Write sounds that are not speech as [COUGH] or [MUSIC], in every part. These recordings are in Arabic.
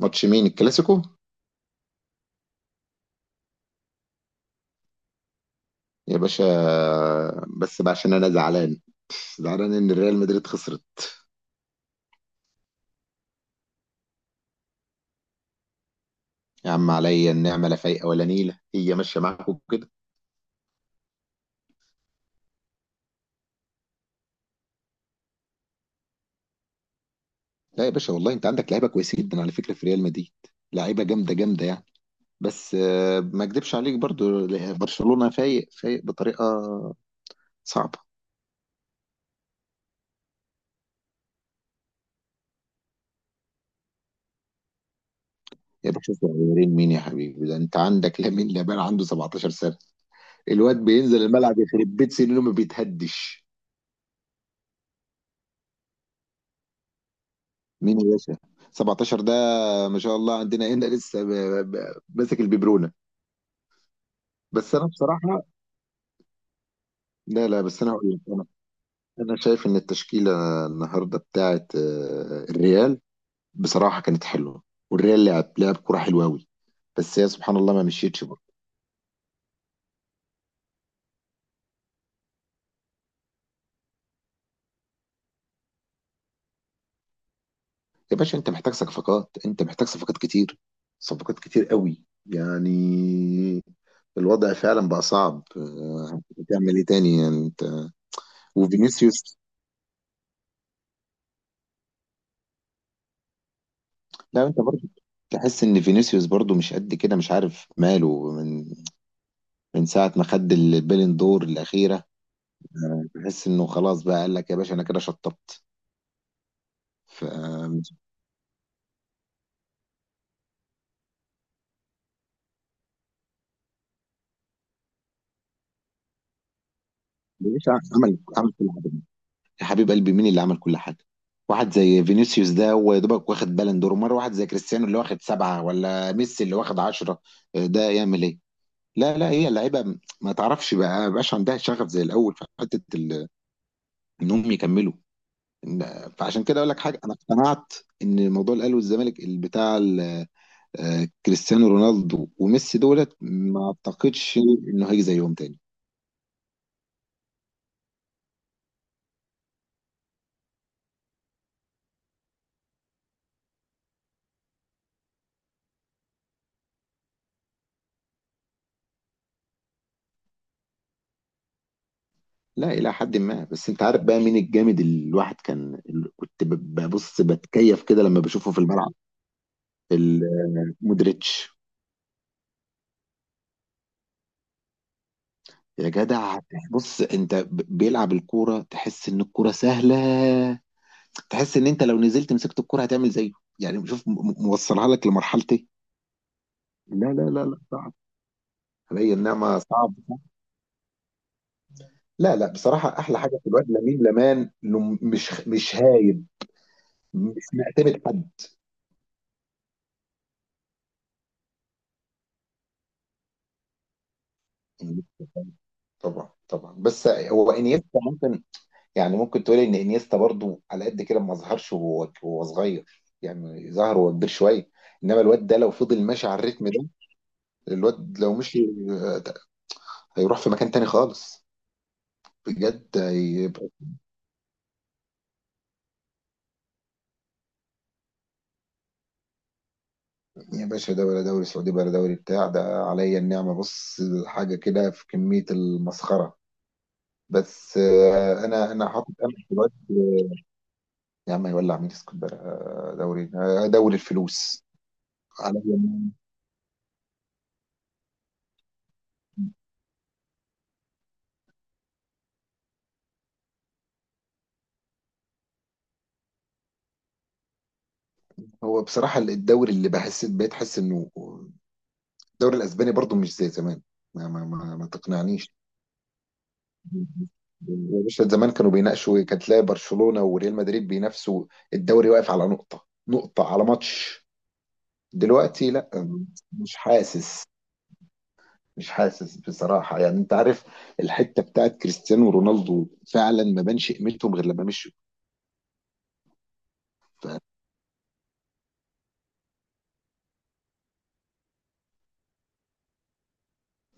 ماتش مين؟ الكلاسيكو؟ يا باشا، بس بقى عشان انا زعلان، زعلان ان الريال مدريد خسرت. يا عم عليا النعمه لا فايقه ولا نيله، هي ماشيه معاكم كده. لا يا باشا والله انت عندك لعيبه كويسه جدا على فكره في ريال مدريد، لعيبه جامده يعني. بس ما اكدبش عليك برضو، برشلونه فايق بطريقه صعبه. يا باشا صغيرين مين يا حبيبي؟ ده انت عندك لامين يامال عنده 17 سنه، الواد بينزل الملعب يخرب بيت سنينه ما بيتهدش. مين يا باشا؟ 17 ده؟ ما شاء الله عندنا هنا لسه ماسك الببرونه. بس انا بصراحه، لا لا بس انا هقول لك، انا شايف ان التشكيله النهارده بتاعت الريال بصراحه كانت حلوه، والريال لعب كوره حلوه قوي، بس هي سبحان الله ما مشيتش برضه. يا باشا انت محتاج صفقات، انت محتاج صفقات كتير، صفقات كتير قوي يعني. الوضع فعلا بقى صعب، هتعمل ايه تاني يعني انت؟ وفينيسيوس، لا انت برضه تحس ان فينيسيوس برضه مش قد كده، مش عارف ماله، من ساعه ما خد البالين دور الاخيره تحس انه خلاص بقى، قال لك يا باشا انا كده شطبت. ف مش عارف، عمل كل حاجه. يا حبيب قلبي مين اللي عمل كل حاجه؟ واحد زي فينيسيوس ده هو يا دوبك واخد بالون دور مره، واحد زي كريستيانو اللي واخد سبعه ولا ميسي اللي واخد عشرة، ده يعمل ايه؟ لا لا هي اللعيبه ما تعرفش بقى، ما بقاش عندها شغف زي الاول في حته انهم يكملوا. فعشان كده اقول لك حاجه، انا اقتنعت ان موضوع الاهلي والزمالك اللي بتاع كريستيانو رونالدو وميسي دولت ما اعتقدش انه هيجي زيهم تاني. لا الى حد ما، بس انت عارف بقى مين الجامد اللي الواحد كان، اللي كنت ببص بتكيف كده لما بشوفه في الملعب؟ ال- مودريتش. يا جدع بص انت بيلعب الكوره تحس ان الكوره سهله، تحس ان انت لو نزلت مسكت الكوره هتعمل زيه، يعني شوف موصلها لك لمرحله ايه. لا صعب، علي النعمة صعب. لا لا بصراحة أحلى حاجة في الواد لامين لمان إنه مش هايب، مش معتمد حد. طبعا طبعا، بس هو انيستا ممكن، يعني ممكن تقولي ان انيستا برضو على قد كده ما ظهرش وهو وهو صغير، يعني ظهر وهو كبير شويه، انما الواد ده لو فضل ماشي على الريتم ده، الواد لو مشي، آه، هيروح في مكان تاني خالص، بجد هيبقى. يا باشا ده ولا دوري سعودي ولا دوري بتاع ده، عليا النعمه بص حاجه كده في كميه المسخره. بس انا حاطط امل في الوقت. يا عم هيولع مين؟ اسكندريه؟ دوري، دوري الفلوس على اليمين. هو بصراحه الدوري اللي بحس، بقيت احس انه الدوري الاسباني برضو مش زي زمان. ما تقنعنيش. يا باشا زمان كانوا بيناقشوا، كانت تلاقي برشلونه وريال مدريد بينافسوا، الدوري واقف على نقطه، نقطه على ماتش، دلوقتي لا، مش حاسس، مش حاسس بصراحة، يعني انت عارف الحتة بتاعت كريستيانو رونالدو فعلا ما بانش قيمتهم غير لما مشوا. ف...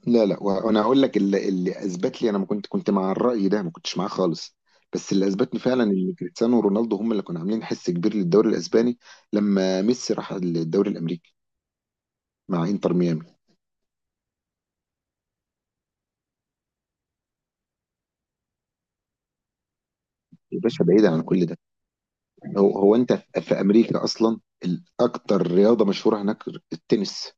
لا لا وانا هقول لك اللي، اللي اثبت لي، انا ما كنت مع الرأي ده، ما كنتش معاه خالص، بس اللي اثبتني فعلا ان كريستيانو رونالدو هم اللي كانوا عاملين حس كبير للدوري الاسباني لما ميسي راح الدوري الامريكي مع انتر ميامي. يا باشا بعيد عن كل ده، هو انت في امريكا اصلا الاكتر رياضة مشهورة هناك التنس.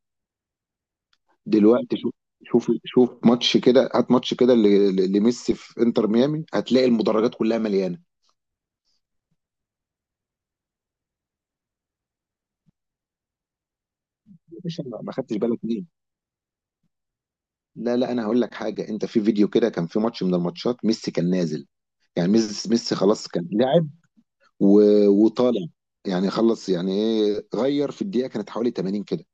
دلوقتي شوف، شوف ماتش كده، هات ماتش كده لميسي في انتر ميامي هتلاقي المدرجات كلها مليانه. يا باشا ما ما خدتش بالك ليه؟ لا لا انا هقول لك حاجه، انت في فيديو كده كان في ماتش من الماتشات، ميسي كان نازل، يعني ميسي خلاص كان لاعب وطالع، يعني خلص، يعني ايه غير في الدقيقه كانت حوالي 80 كده،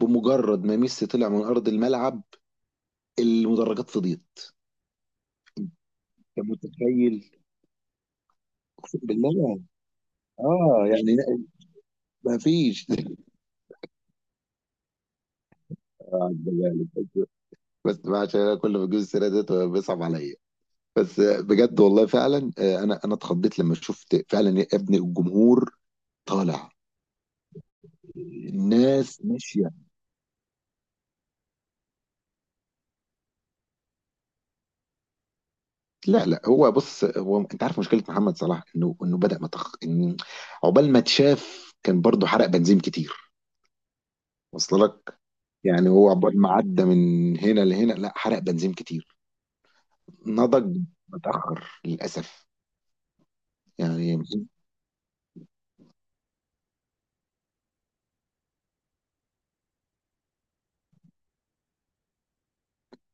بمجرد ما ميسي طلع من ارض الملعب المدرجات فضيت، انت متخيل؟ اقسم بالله. اه يعني ما فيش. [LAUGHS] بس عشان انا كل ما اجيب السيره ديت بيصعب عليا، بس بجد والله فعلا، انا اتخضيت لما شفت فعلا يا ابني الجمهور طالع، الناس ماشيه. لا لا هو بص، هو انت عارف مشكله محمد صلاح انه بدا متخ، عقبال ما اتشاف كان برضه حرق بنزين كتير، وصل لك؟ يعني هو عقبال ما عدى من هنا لهنا لا، حرق بنزين كتير، نضج متاخر للاسف يعني.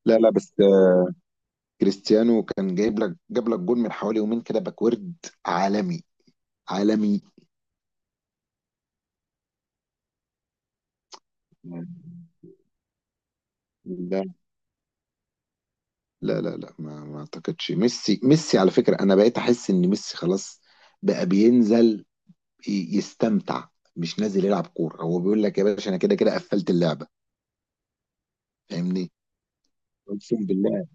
لا لا بس كريستيانو كان جايب لك، جاب لك جول من حوالي يومين كده، باكورد عالمي، عالمي. ده لا لا لا ما ما اعتقدش، ميسي، ميسي على فكرة انا بقيت احس ان ميسي خلاص بقى بينزل يستمتع، مش نازل يلعب كورة، هو بيقول لك يا باشا انا كده كده قفلت اللعبة. فاهمني؟ اقسم بالله.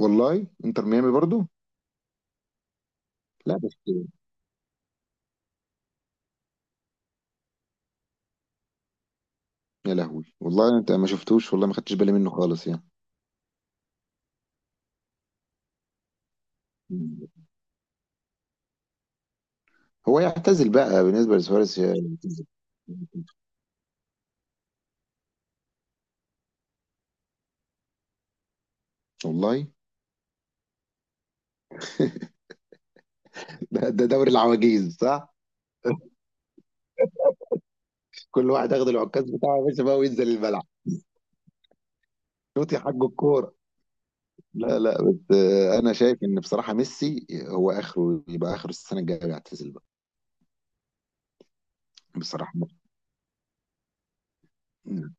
والله انتر ميامي برضو. لا بس، يا لهوي والله انت ما شفتوش، والله ما خدتش بالي منه خالص يعني. هو يعتزل بقى بالنسبة لسواريز، يعتزل. والله. [LAUGHS] ده، ده دوري العواجيز صح؟ كل واحد ياخد العكاز بتاعه يا باشا بقى وينزل الملعب، شوط يا حاج الكوره. لا لا بس انا شايف ان بصراحه ميسي هو اخره يبقى اخر السنه الجايه يعتزل بقى بصراحه. مم.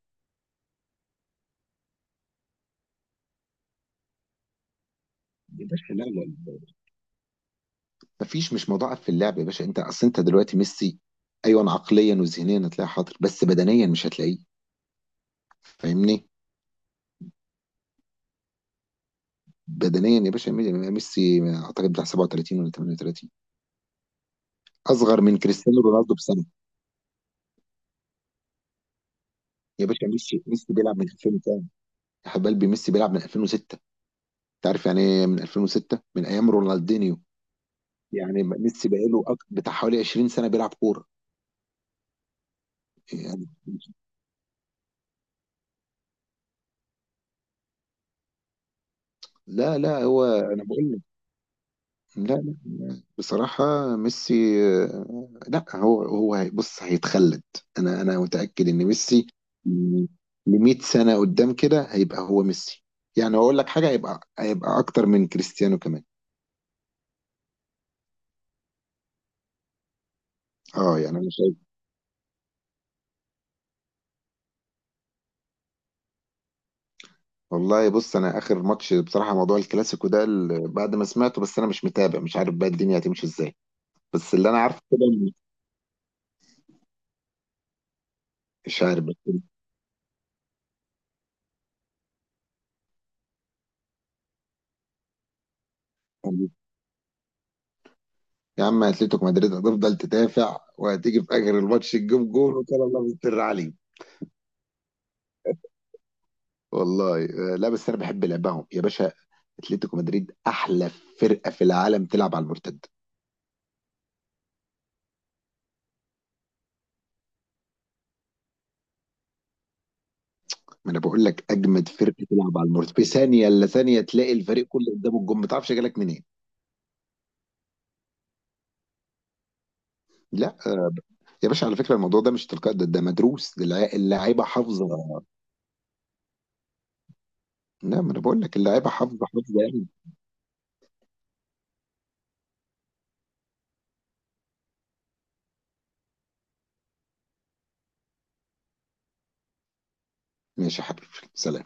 يا باشا لا لا لا، مفيش، مش مضاعف في اللعب يا باشا، انت اصل انت دلوقتي ميسي، ايوه عقليا وذهنيا هتلاقيه حاضر بس بدنيا مش هتلاقيه. فاهمني؟ بدنيا يا باشا، ميسي اعتقد بتاع 37 ولا 38، اصغر من كريستيانو رونالدو بسنه. يا باشا ميسي بيلعب من 2000، حب قلبي ميسي بيلعب من 2006، انت عارف يعني ايه من 2006، من ايام رونالدينيو، يعني ميسي بقاله بتاع حوالي 20 سنه بيلعب كوره يعني. لا لا هو انا بقول لك، لا لا بصراحه ميسي، لا هو هو بص هيتخلد، انا متاكد ان ميسي ل 100 سنه قدام كده هيبقى هو ميسي، يعني اقول لك حاجه هيبقى، هيبقى اكتر من كريستيانو كمان. اه يعني انا والله بص، انا اخر ماتش بصراحه موضوع الكلاسيكو ده بعد ما سمعته، بس انا مش متابع مش عارف بقى الدنيا هتمشي ازاي، بس اللي انا عارفه كده مش عارف بس. يا عم اتلتيكو مدريد هتفضل تدافع وهتيجي في اخر الماتش تجيب جول وكان الله مستر عليه. والله لا بس انا بحب لعبهم يا باشا، اتلتيكو مدريد احلى فرقه في العالم تلعب على المرتد. ما انا بقول لك اجمد فرقه تلعب على المرتد، في ثانيه الا ثانيه تلاقي الفريق كله قدام الجون ما تعرفش جالك منين. لا يا باشا على فكرة الموضوع ده مش تلقائي، ده, ده مدروس، ده اللاعيبه حافظة. لا ما انا بقول لك اللاعيبه حافظة يعني. ماشي يا حبيبي، سلام.